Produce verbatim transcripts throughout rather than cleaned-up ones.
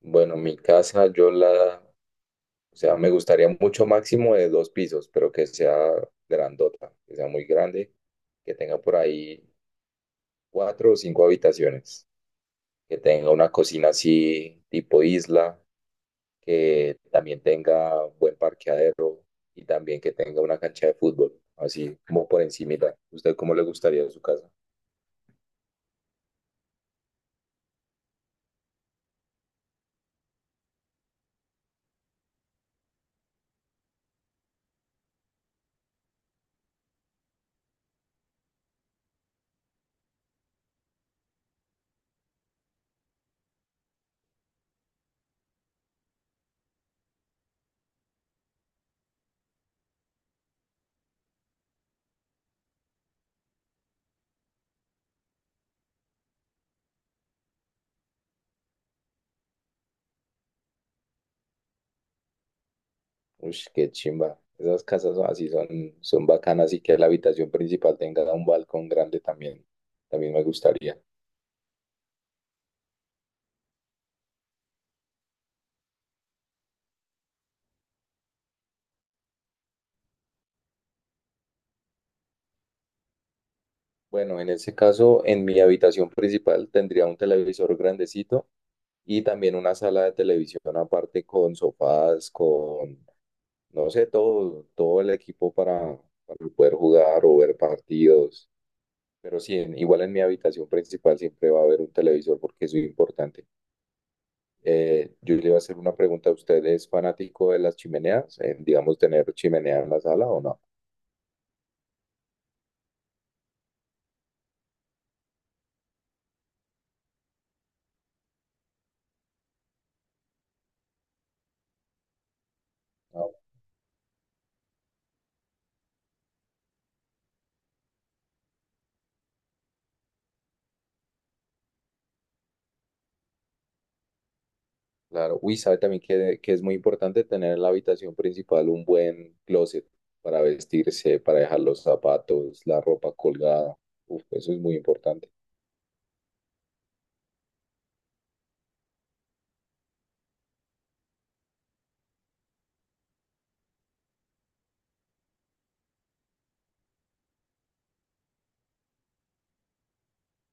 Bueno, mi casa yo la, o sea, me gustaría mucho máximo de dos pisos, pero que sea grandota, que sea muy grande, que tenga por ahí cuatro o cinco habitaciones, que tenga una cocina así tipo isla, que también tenga buen parqueadero y también que tenga una cancha de fútbol, así como por encimita. ¿Usted cómo le gustaría su casa? Uy, qué chimba. Esas casas son así son, son bacanas, y que la habitación principal tenga un balcón grande también. También me gustaría. Bueno, en ese caso, en mi habitación principal tendría un televisor grandecito y también una sala de televisión aparte con sofás, con, no sé, todo, todo el equipo para, para poder jugar o ver partidos. Pero sí, en- igual en mi habitación principal siempre va a haber un televisor porque es muy importante. Eh, yo le iba a hacer una pregunta a usted, ¿es fanático de las chimeneas? Eh, digamos, ¿tener chimenea en la sala o no? Claro, uy, sabe también que, que es muy importante tener en la habitación principal un buen closet para vestirse, para dejar los zapatos, la ropa colgada. Uf, eso es muy importante.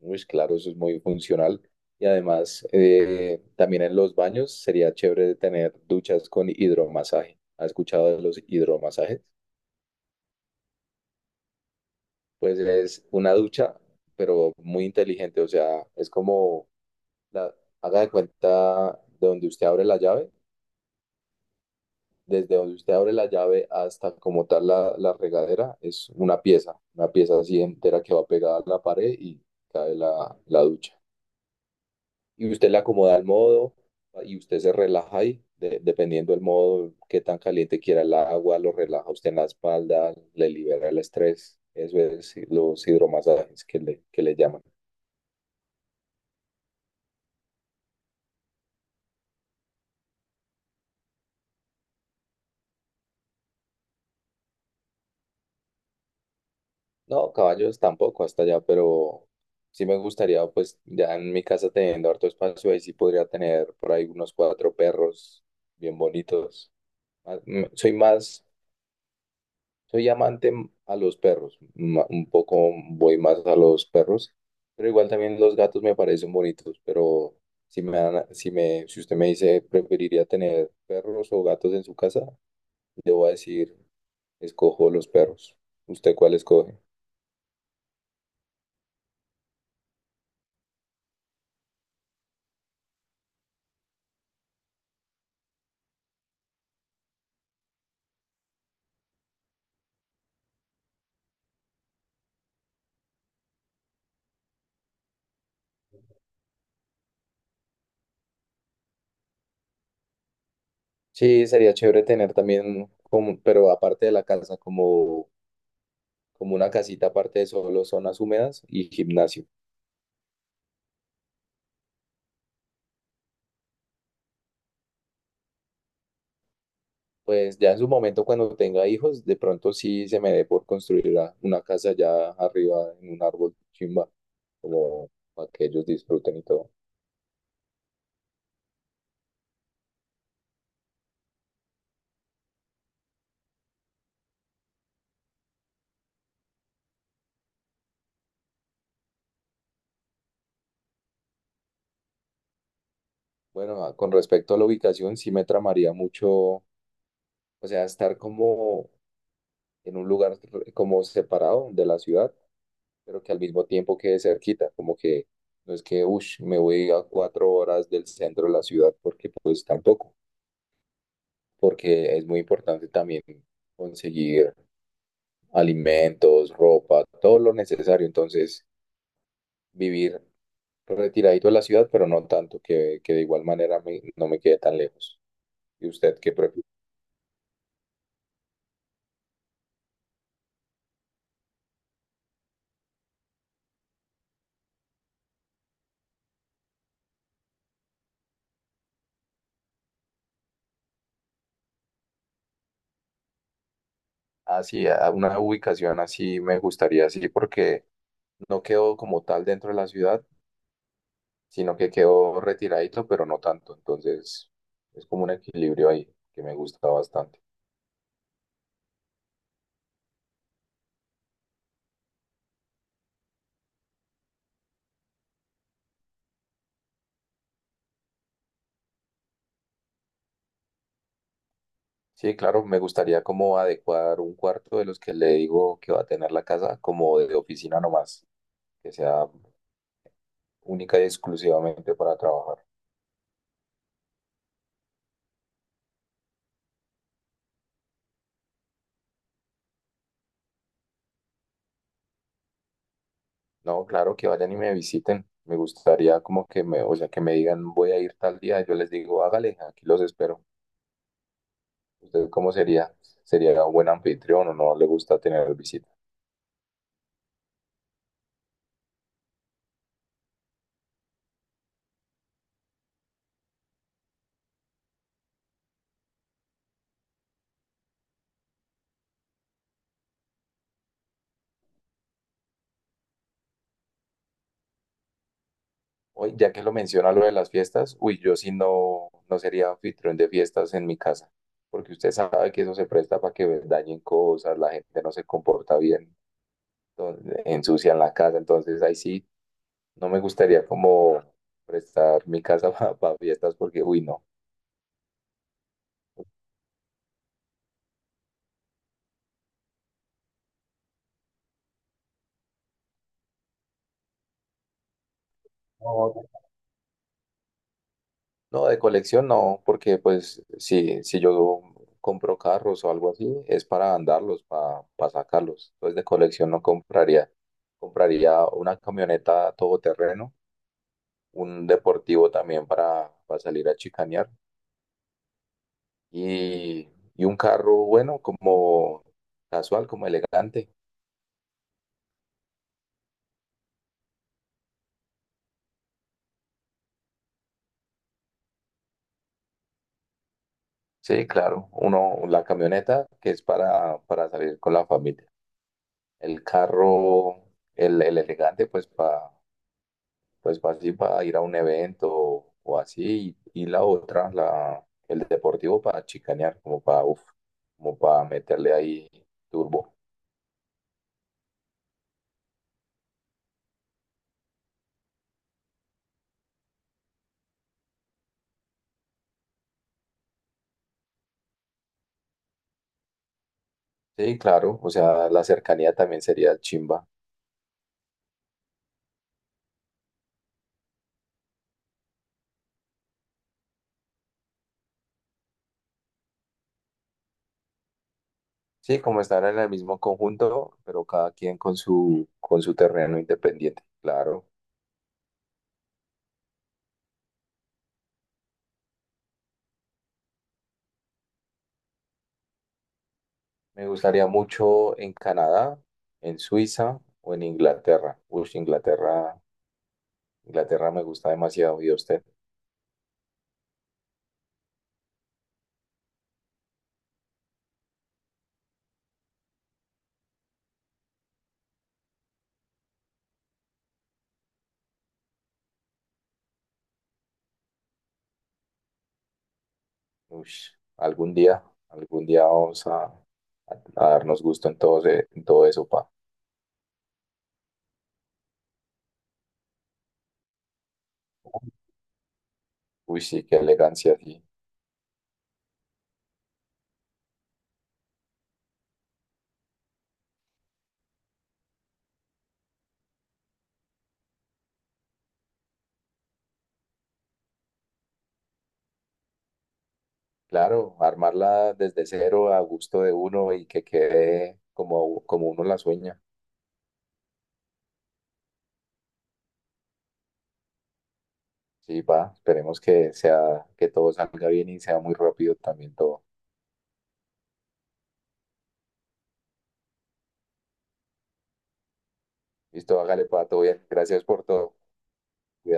Uy, claro, eso es muy funcional. Y además, eh, también en los baños sería chévere tener duchas con hidromasaje. ¿Has escuchado de los hidromasajes? Pues es una ducha, pero muy inteligente. O sea, es como, la, haga de cuenta de donde usted abre la llave desde donde usted abre la llave hasta como tal la, la regadera, es una pieza, una pieza así entera que va pegada a la pared y cae la, la ducha. Y usted la acomoda al modo, y usted se relaja ahí, de- dependiendo del modo, qué tan caliente quiera el agua, lo relaja usted en la espalda, le libera el estrés. Eso es los hidromasajes que le, que le llaman. No, caballos tampoco hasta allá, pero sí me gustaría, pues ya en mi casa teniendo harto espacio, ahí sí podría tener por ahí unos cuatro perros bien bonitos. Ah, mm, Soy más, soy amante m- a los perros, ma- un poco voy más a los perros, pero igual también los gatos me parecen bonitos, pero si me dan, a- si me, si usted me dice preferiría tener perros o gatos en su casa, le voy a decir, escojo los perros. ¿Usted cuál escoge? Sí, sería chévere tener también, como, pero aparte de la casa, como, como una casita aparte de solo zonas húmedas y gimnasio. Pues ya en su momento, cuando tenga hijos, de pronto sí se me dé por construir la- una casa ya arriba en un árbol chimba, como para que ellos disfruten y todo. Bueno, ah, con respecto a la ubicación, sí me tramaría mucho, o sea, estar como en un lugar como separado de la ciudad, pero que al mismo tiempo quede cerquita, como que no es que, uff, me voy a cuatro horas del centro de la ciudad, porque pues tampoco, porque es muy importante también conseguir alimentos, ropa, todo lo necesario, entonces vivir retiradito de la ciudad, pero no tanto, que, que de igual manera me- no me quede tan lejos. ¿Y usted qué prefiere? Así, a una ubicación así me gustaría, así, porque no quedo como tal dentro de la ciudad, sino que quedó retiradito, pero no tanto. Entonces, es como un equilibrio ahí que me gusta bastante. Sí, claro, me gustaría como adecuar un cuarto de los que le digo que va a tener la casa como de oficina nomás, que sea única y exclusivamente para trabajar. No, claro, que vayan y me visiten. Me gustaría como que me, o sea, que me digan, voy a ir tal día. Yo les digo, hágale, aquí los espero. ¿Usted cómo sería? ¿Sería un buen anfitrión o no le gusta tener visitas? Hoy, ya que lo menciona lo de las fiestas, uy, yo sí no, no sería anfitrión de fiestas en mi casa, porque usted sabe que eso se presta para que dañen cosas, la gente no se comporta bien, entonces ensucian la casa, entonces ahí sí, no me gustaría como prestar mi casa para fiestas porque, uy, no. No, no, de colección no, porque pues si, si yo compro carros o algo así, es para andarlos, para sacarlos. Entonces de colección no compraría. Compraría una camioneta todoterreno, un deportivo también para, para, salir a chicanear, y, y un carro bueno, como casual, como elegante. Sí, claro, uno, la camioneta que es para, para, salir con la familia. El carro, el, el elegante, pues para pues pa así, para ir a un evento o así. Y, y la otra, la, el deportivo para chicanear, como para, uf, como para meterle ahí turbo. Sí, claro, o sea, la cercanía también sería chimba. Sí, como estar en el mismo conjunto, pero cada quien con su, con su terreno independiente. Claro, me gustaría mucho en Canadá, en Suiza o en Inglaterra. Uy, Inglaterra, Inglaterra me gusta demasiado. ¿Y a usted? Uy, algún día, algún día vamos a, a darnos gusto en todo, ese- en todo eso, pa. Uy, sí, qué elegancia, sí. Claro, armarla desde cero a gusto de uno y que quede como, como uno la sueña. Sí, va, esperemos que sea, que todo salga bien y sea muy rápido también todo. Listo, hágale, pato, bien. Gracias por todo. Cuidado.